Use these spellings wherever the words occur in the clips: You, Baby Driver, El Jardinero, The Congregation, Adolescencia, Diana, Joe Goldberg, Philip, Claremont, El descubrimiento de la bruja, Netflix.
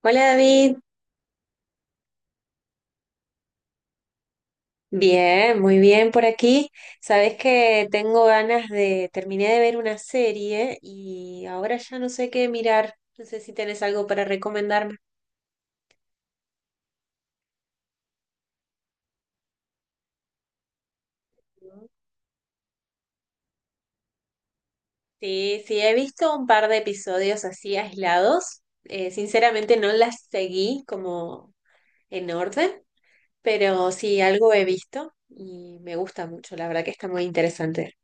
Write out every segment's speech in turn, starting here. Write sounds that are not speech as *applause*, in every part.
Hola David, bien, muy bien por aquí. Sabes que tengo ganas terminé de ver una serie y ahora ya no sé qué mirar. No sé si tenés algo para recomendarme. Sí, sí, he visto un par de episodios así aislados. Sinceramente no las seguí como en orden, pero sí algo he visto y me gusta mucho. La verdad que está muy interesante.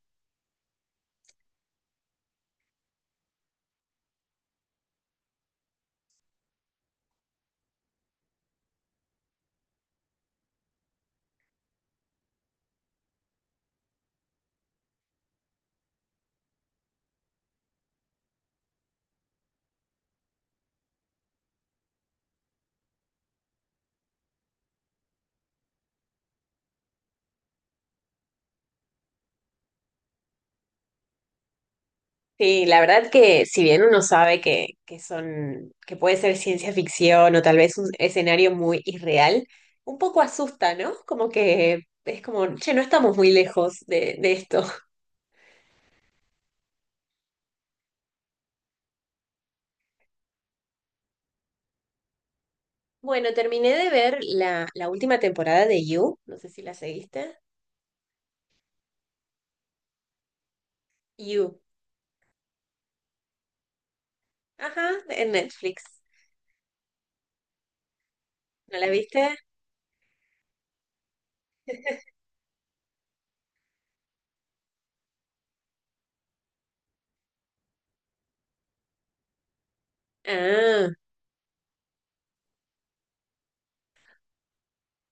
Sí, la verdad que si bien uno sabe que son, que puede ser ciencia ficción o tal vez un escenario muy irreal, un poco asusta, ¿no? Como que es como, che, no estamos muy lejos de esto. *laughs* Bueno, terminé de ver la última temporada de You, no sé si la seguiste. You, ajá, en Netflix. ¿No la viste? Ah,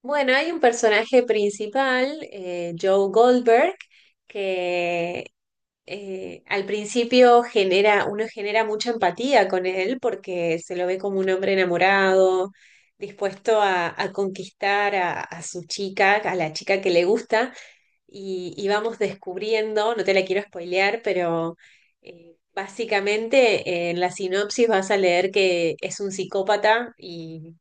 bueno, hay un personaje principal, Joe Goldberg, que al principio genera, uno genera mucha empatía con él porque se lo ve como un hombre enamorado, dispuesto a conquistar a su chica, a la chica que le gusta y vamos descubriendo, no te la quiero spoilear, pero básicamente en la sinopsis vas a leer que es un psicópata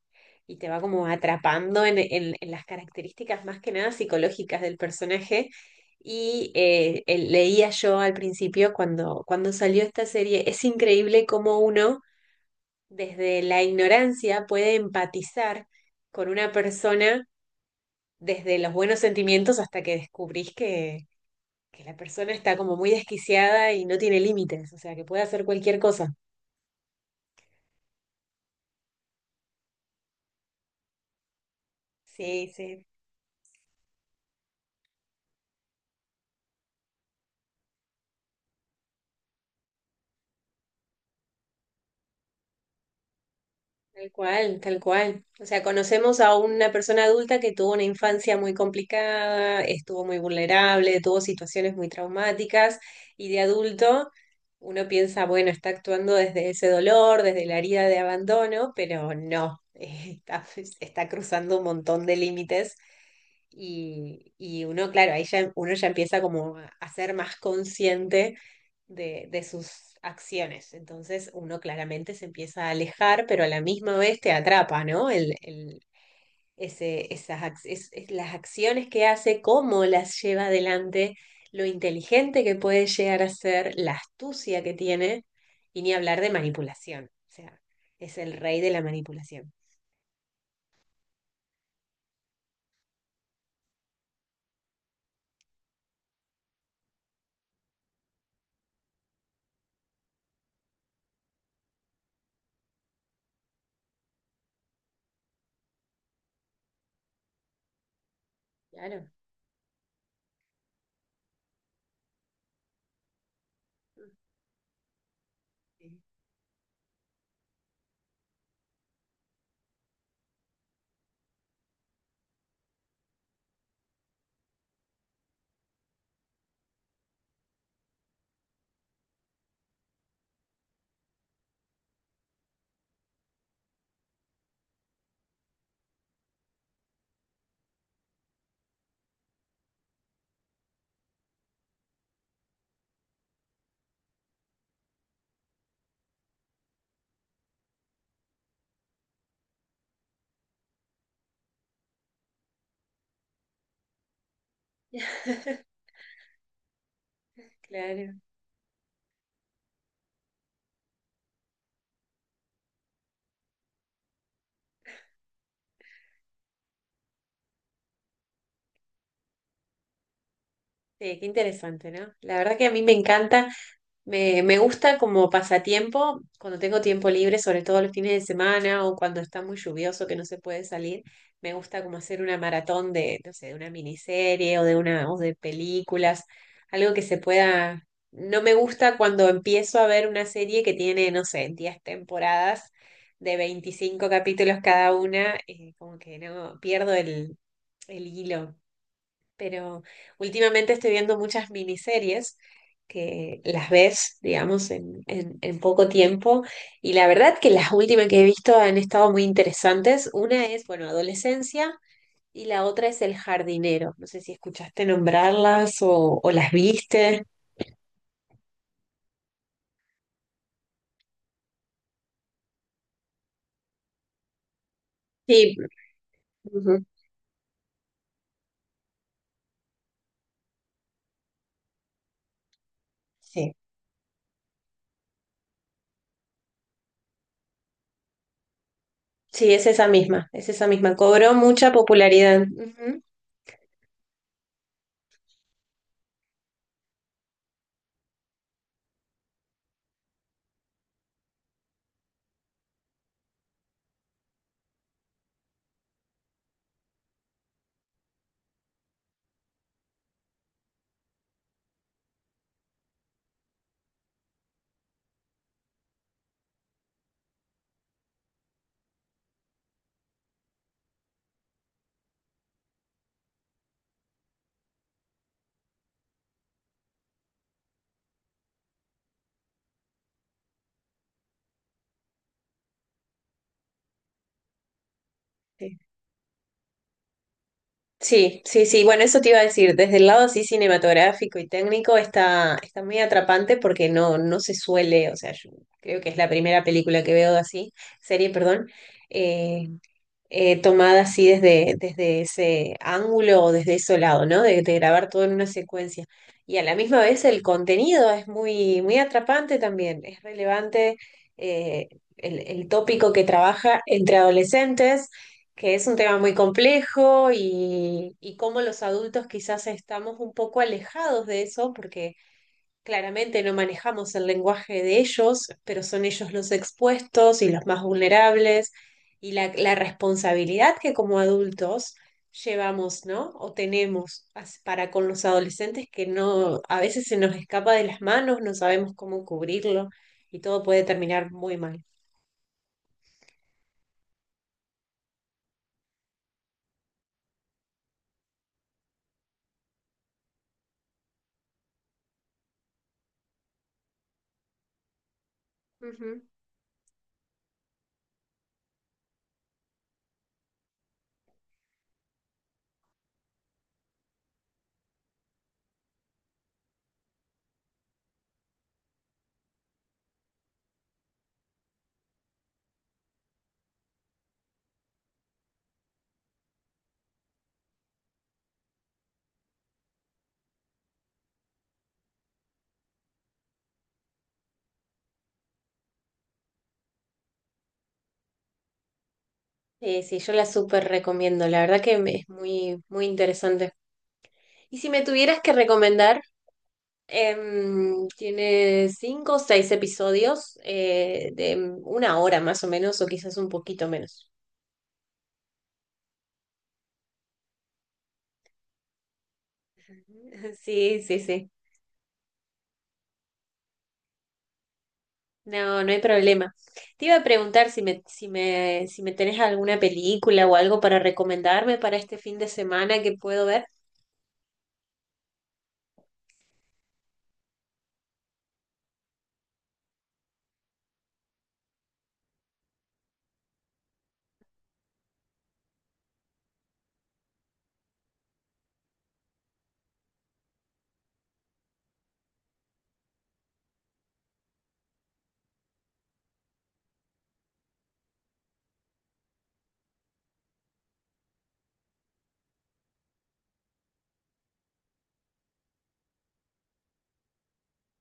y te va como atrapando en las características más que nada psicológicas del personaje. Y leía yo al principio cuando salió esta serie, es increíble cómo uno desde la ignorancia puede empatizar con una persona desde los buenos sentimientos hasta que descubrís que la persona está como muy desquiciada y no tiene límites, o sea, que puede hacer cualquier cosa. Sí, sí, tal cual, tal cual. O sea, conocemos a una persona adulta que tuvo una infancia muy complicada, estuvo muy vulnerable, tuvo situaciones muy traumáticas y de adulto uno piensa, bueno, está actuando desde ese dolor, desde la herida de abandono, pero no, *laughs* está, está cruzando un montón de límites y uno, claro, ahí ya, uno ya empieza como a ser más consciente de sus acciones. Entonces uno claramente se empieza a alejar, pero a la misma vez te atrapa, ¿no? El- ese, esas, ac- es las acciones que hace, cómo las lleva adelante, lo inteligente que puede llegar a ser, la astucia que tiene, y ni hablar de manipulación. O sea, es el rey de la manipulación. Claro. Sí. *laughs* Claro. Sí, qué interesante, ¿no? La verdad que a mí me encanta. Me gusta como pasatiempo, cuando tengo tiempo libre, sobre todo los fines de semana o cuando está muy lluvioso que no se puede salir, me gusta como hacer una maratón de, no sé, de una miniserie o de una, o de películas, algo que se pueda. No me gusta cuando empiezo a ver una serie que tiene, no sé, 10 temporadas de 25 capítulos cada una, como que no pierdo el hilo, pero últimamente estoy viendo muchas miniseries que las ves, digamos, en poco tiempo y la verdad que las últimas que he visto han estado muy interesantes. Una es, bueno, Adolescencia, y la otra es El Jardinero. No sé si escuchaste nombrarlas o las viste. Sí, ujú, sí, sí, es esa misma, es esa misma. Cobró mucha popularidad. Ujú. Sí, sí, sí. Bueno, eso te iba a decir. Desde el lado así cinematográfico y técnico está, está muy atrapante porque no, no se suele, o sea, yo creo que es la primera película que veo así, serie, perdón, eh, tomada así desde, desde ese ángulo o desde ese lado, ¿no? De grabar todo en una secuencia. Y a la misma vez el contenido es muy, muy atrapante también, es relevante, eh, el tópico que trabaja entre adolescentes, que es un tema muy complejo y cómo los adultos quizás estamos un poco alejados de eso, porque claramente no manejamos el lenguaje de ellos, pero son ellos los expuestos y los más vulnerables y la responsabilidad que como adultos llevamos, ¿no? O tenemos as- para con los adolescentes que no, a veces se nos escapa de las manos, no sabemos cómo cubrirlo y todo puede terminar muy mal. Ujú. Sí, yo la súper recomiendo, la verdad que me- es muy, muy interesante. Y si me tuvieras que recomendar. Tiene cinco o seis episodios de una hora más o menos, o quizás un poquito menos. *laughs* Sí, sí, sí. No, no hay problema. Te iba a preguntar si me tenés alguna película o algo para recomendarme para este fin de semana que puedo ver.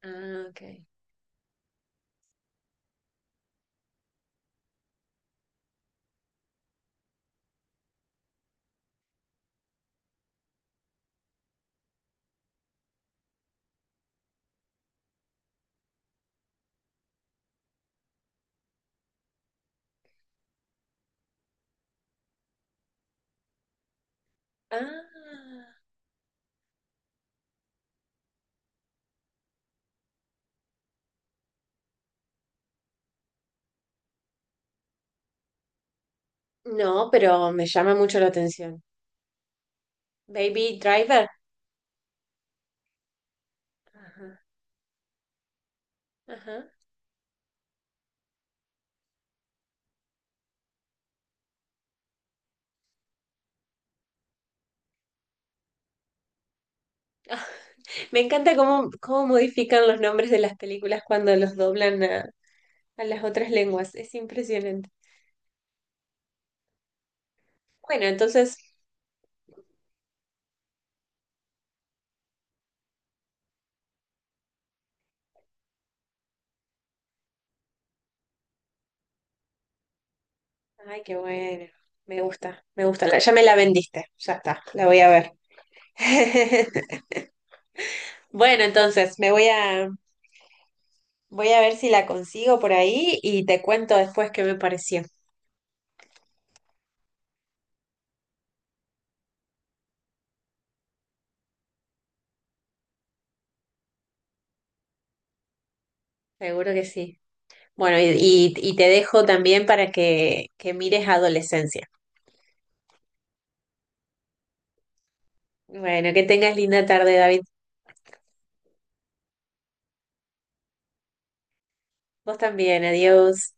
Ah, ok. Ah, no, pero me llama mucho la atención. Baby Driver. Ajá, ajá. *laughs* Me encanta cómo, cómo modifican los nombres de las películas cuando los doblan a las otras lenguas. Es impresionante. Bueno, entonces, ay, qué bueno. Me gusta, me gusta. La- ya me la vendiste. Ya está, la voy a ver. *laughs* Bueno, entonces, me voy a, voy a ver si la consigo por ahí y te cuento después qué me pareció. Seguro que sí. Bueno, y te dejo también para que mires Adolescencia. Bueno, que tengas linda tarde, David. Vos también, adiós.